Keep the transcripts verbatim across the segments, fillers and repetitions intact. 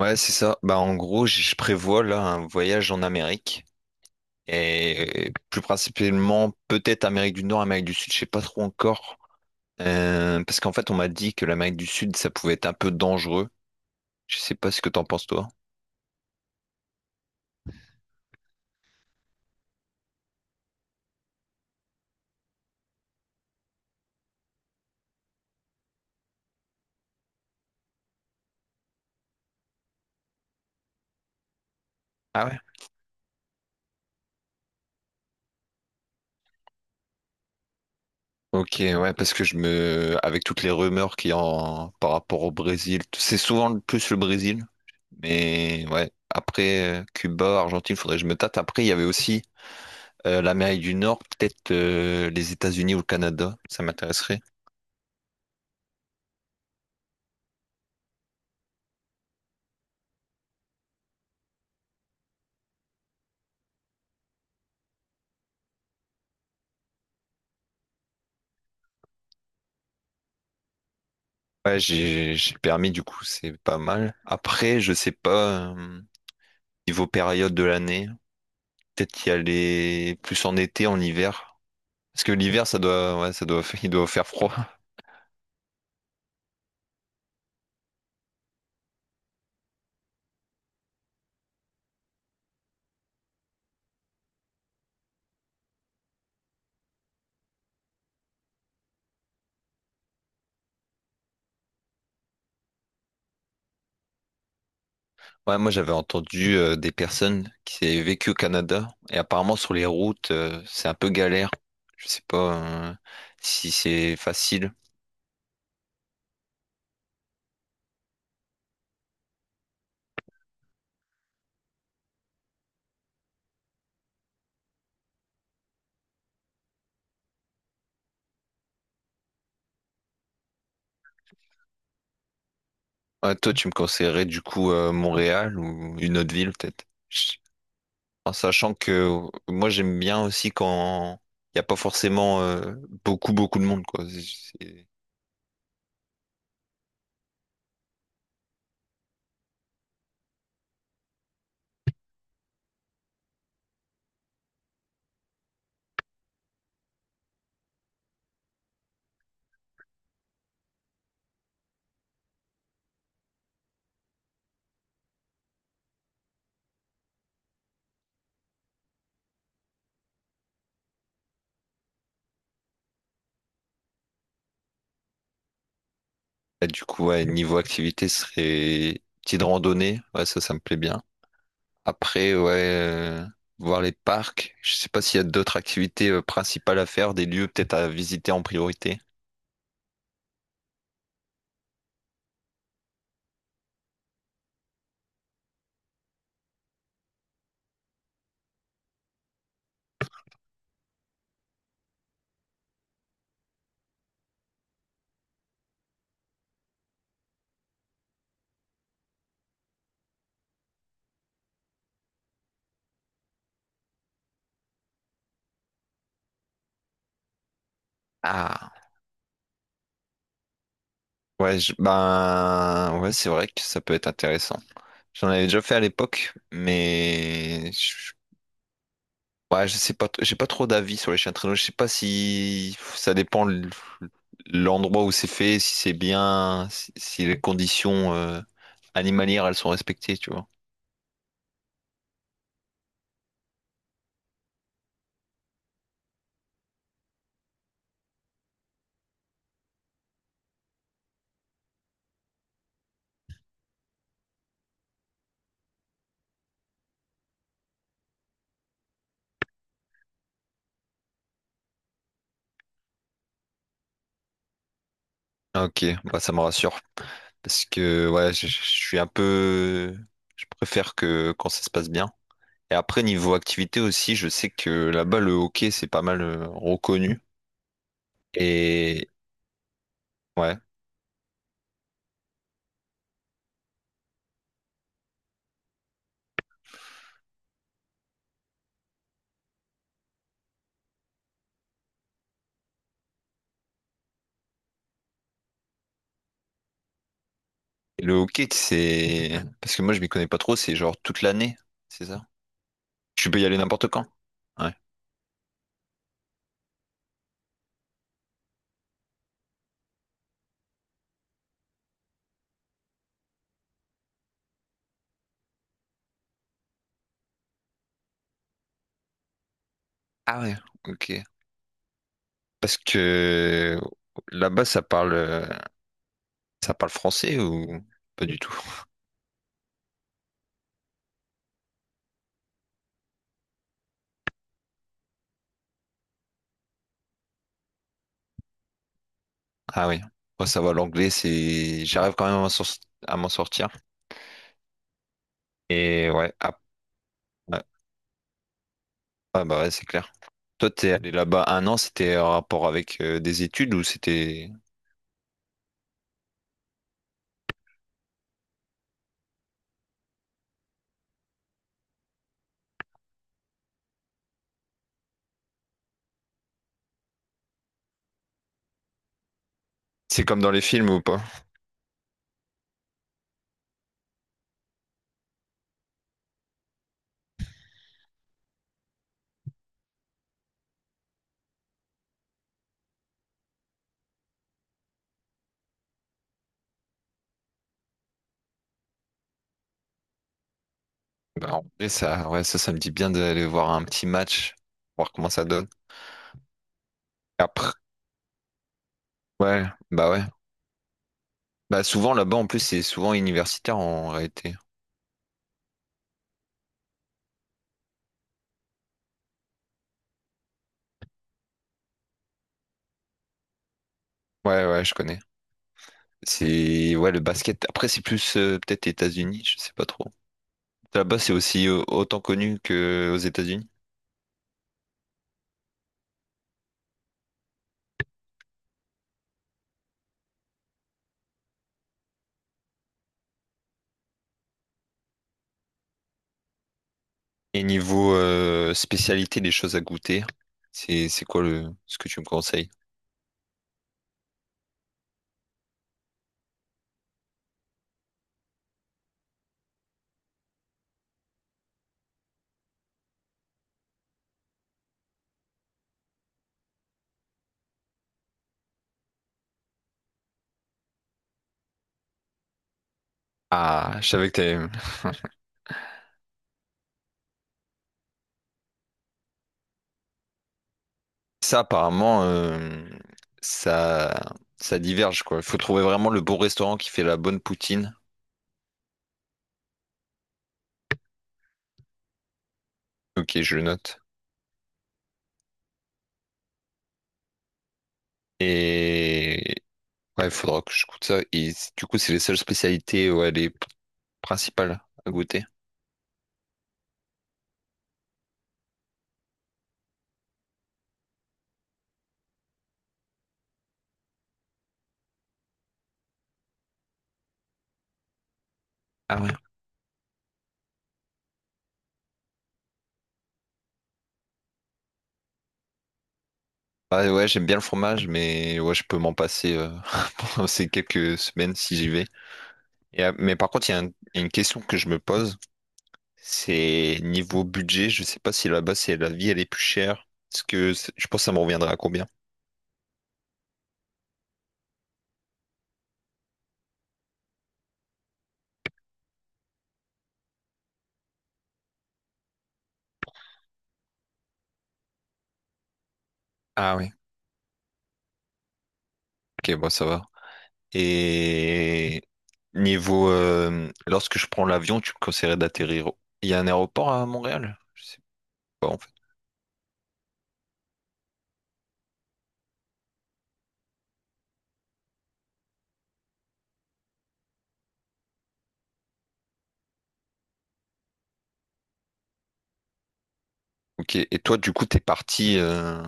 Ouais, c'est ça. Bah, en gros, j- je prévois là un voyage en Amérique et euh, plus principalement peut-être Amérique du Nord, Amérique du Sud, je sais pas trop encore. Euh, parce qu'en fait, on m'a dit que l'Amérique du Sud, ça pouvait être un peu dangereux. Je sais pas ce que t'en penses toi. Ah ouais? Ok, ouais, parce que je me, avec toutes les rumeurs qu'il y a en- par rapport au Brésil, c'est souvent le plus le Brésil. Mais ouais, après euh, Cuba, Argentine, faudrait que je me tâte. Après, il y avait aussi euh, l'Amérique du Nord, peut-être euh, les États-Unis ou le Canada, ça m'intéresserait. Ouais, j'ai j'ai le permis, du coup, c'est pas mal. Après, je sais pas, euh, niveau période de l'année, peut-être y aller plus en été, en hiver. Parce que l'hiver, ça doit, ouais, ça doit, il doit faire froid. Ouais, moi j'avais entendu euh, des personnes qui avaient vécu au Canada et apparemment sur les routes euh, c'est un peu galère. Je sais pas euh, si c'est facile. Ouais, toi tu me conseillerais du coup euh, Montréal ou une autre ville peut-être. Ch- En sachant que euh, moi j'aime bien aussi quand il n'y a pas forcément euh, beaucoup beaucoup de monde quoi. C'est- Là, du coup ouais, niveau activité ce serait petite randonnée, ouais ça ça me plaît bien. Après, ouais, euh, voir les parcs. Je sais pas s'il y a d'autres activités euh, principales à faire, des lieux peut-être à visiter en priorité. Ah, ouais, je- ben, ouais, c'est vrai que ça peut être intéressant. J'en avais déjà fait à l'époque, mais je, ouais, je sais pas, t- j'ai pas trop d'avis sur les chiens de traîneau. Je sais pas si ça dépend l- l'endroit où c'est fait, si c'est bien, si, si les conditions euh, animalières elles sont respectées, tu vois. Ah, ok, bah ça me rassure. Parce que ouais, je, je suis un peu. Je préfère que quand ça se passe bien. Et après, niveau activité aussi, je sais que là-bas, le hockey, c'est pas mal euh, reconnu. Et ouais. Le hockey, c'est. Parce que moi, je m'y connais pas trop, c'est genre toute l'année, c'est ça? Tu peux y aller n'importe quand. Ouais. Ah ouais, ok. Parce que là-bas, ça parle euh, ça parle français ou pas du tout? Ah oui. Moi, ça va, l'anglais, c'est. J'arrive quand même à m'en sor- à m'en sortir. Et ouais, ah, ouais. Ah bah ouais, c'est clair. Toi, t'es allé là-bas un an, c'était en rapport avec euh, des études ou c'était. C'est comme dans les films ou pas? Bah, en vrai, ça, ouais, ça, ça me dit bien d'aller voir un petit match, voir comment ça donne. Après, ouais, bah ouais. Bah souvent là-bas en plus c'est souvent universitaire en réalité. Ouais ouais je connais. C'est ouais le basket. Après c'est plus euh, peut-être États-Unis, je sais pas trop. Là-bas c'est aussi euh, autant connu que aux États-Unis. Et niveau euh, spécialité des choses à goûter, c'est c'est quoi le ce que tu me conseilles? Ah je savais que t'avais... Ça apparemment euh, ça ça diverge quoi. Il faut trouver vraiment le bon restaurant qui fait la bonne poutine. Ok je le note. Et, ouais, il faudra que je goûte ça. Et c- du coup, c'est les seules spécialités, ouais, les p- principales à goûter. Ah ouais. Ouais, ouais, j'aime bien le fromage, mais ouais, je peux m'en passer euh, pendant ces quelques semaines si j'y vais. Et, euh, mais par contre, il y a un- une question que je me pose, c'est niveau budget. Je sais pas si là-bas, c'est la vie, elle est plus chère. Parce que c'est- je pense que ça me reviendra à combien? Ah oui. Ok, bon, ça va. Et niveau, euh, lorsque je prends l'avion, tu me conseillerais d'atterrir. Il y a un aéroport à Montréal? Je sais pas. Ok, et toi, du coup, t'es parti euh,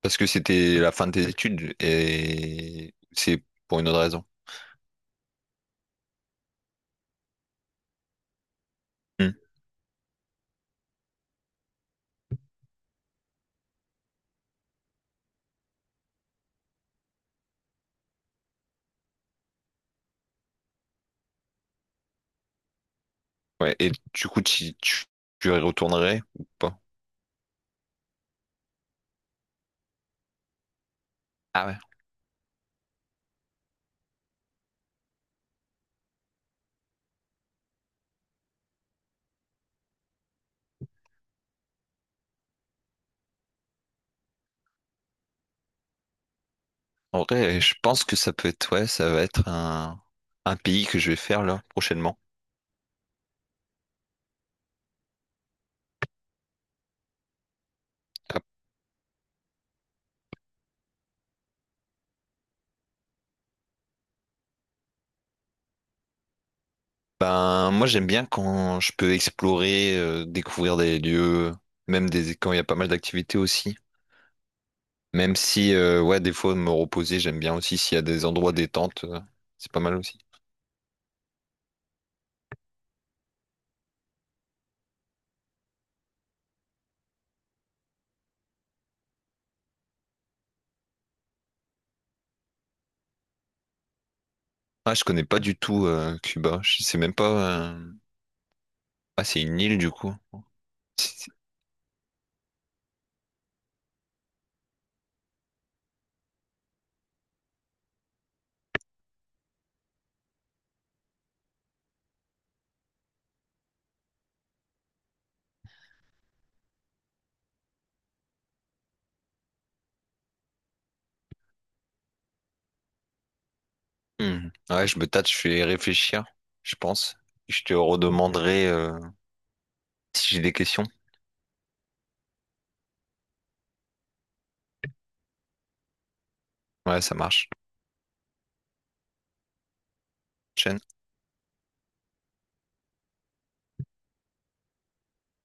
parce que c'était la fin de tes études et c'est pour une autre raison. Hmm. Ouais, et du coup, tu, tu, tu y retournerais ou pas? Ah ouais. En vrai, je pense que ça peut être, ouais, ça va être un, un pays que je vais faire là prochainement. Ah, ben, moi, j'aime bien quand je peux explorer, euh, découvrir des lieux, même des, quand il y a pas mal d'activités aussi. Même si, euh, ouais, des fois, me reposer, j'aime bien aussi s'il y a des endroits détente, euh, c'est pas mal aussi. Ah, je connais pas du tout euh, Cuba. Je sais même pas. Euh, Ah, c'est une île du coup. C'est- Hmm. Ouais, je me tâte, je vais réfléchir, je pense. Je te redemanderai euh, si j'ai des questions. Ouais, ça marche. Chen.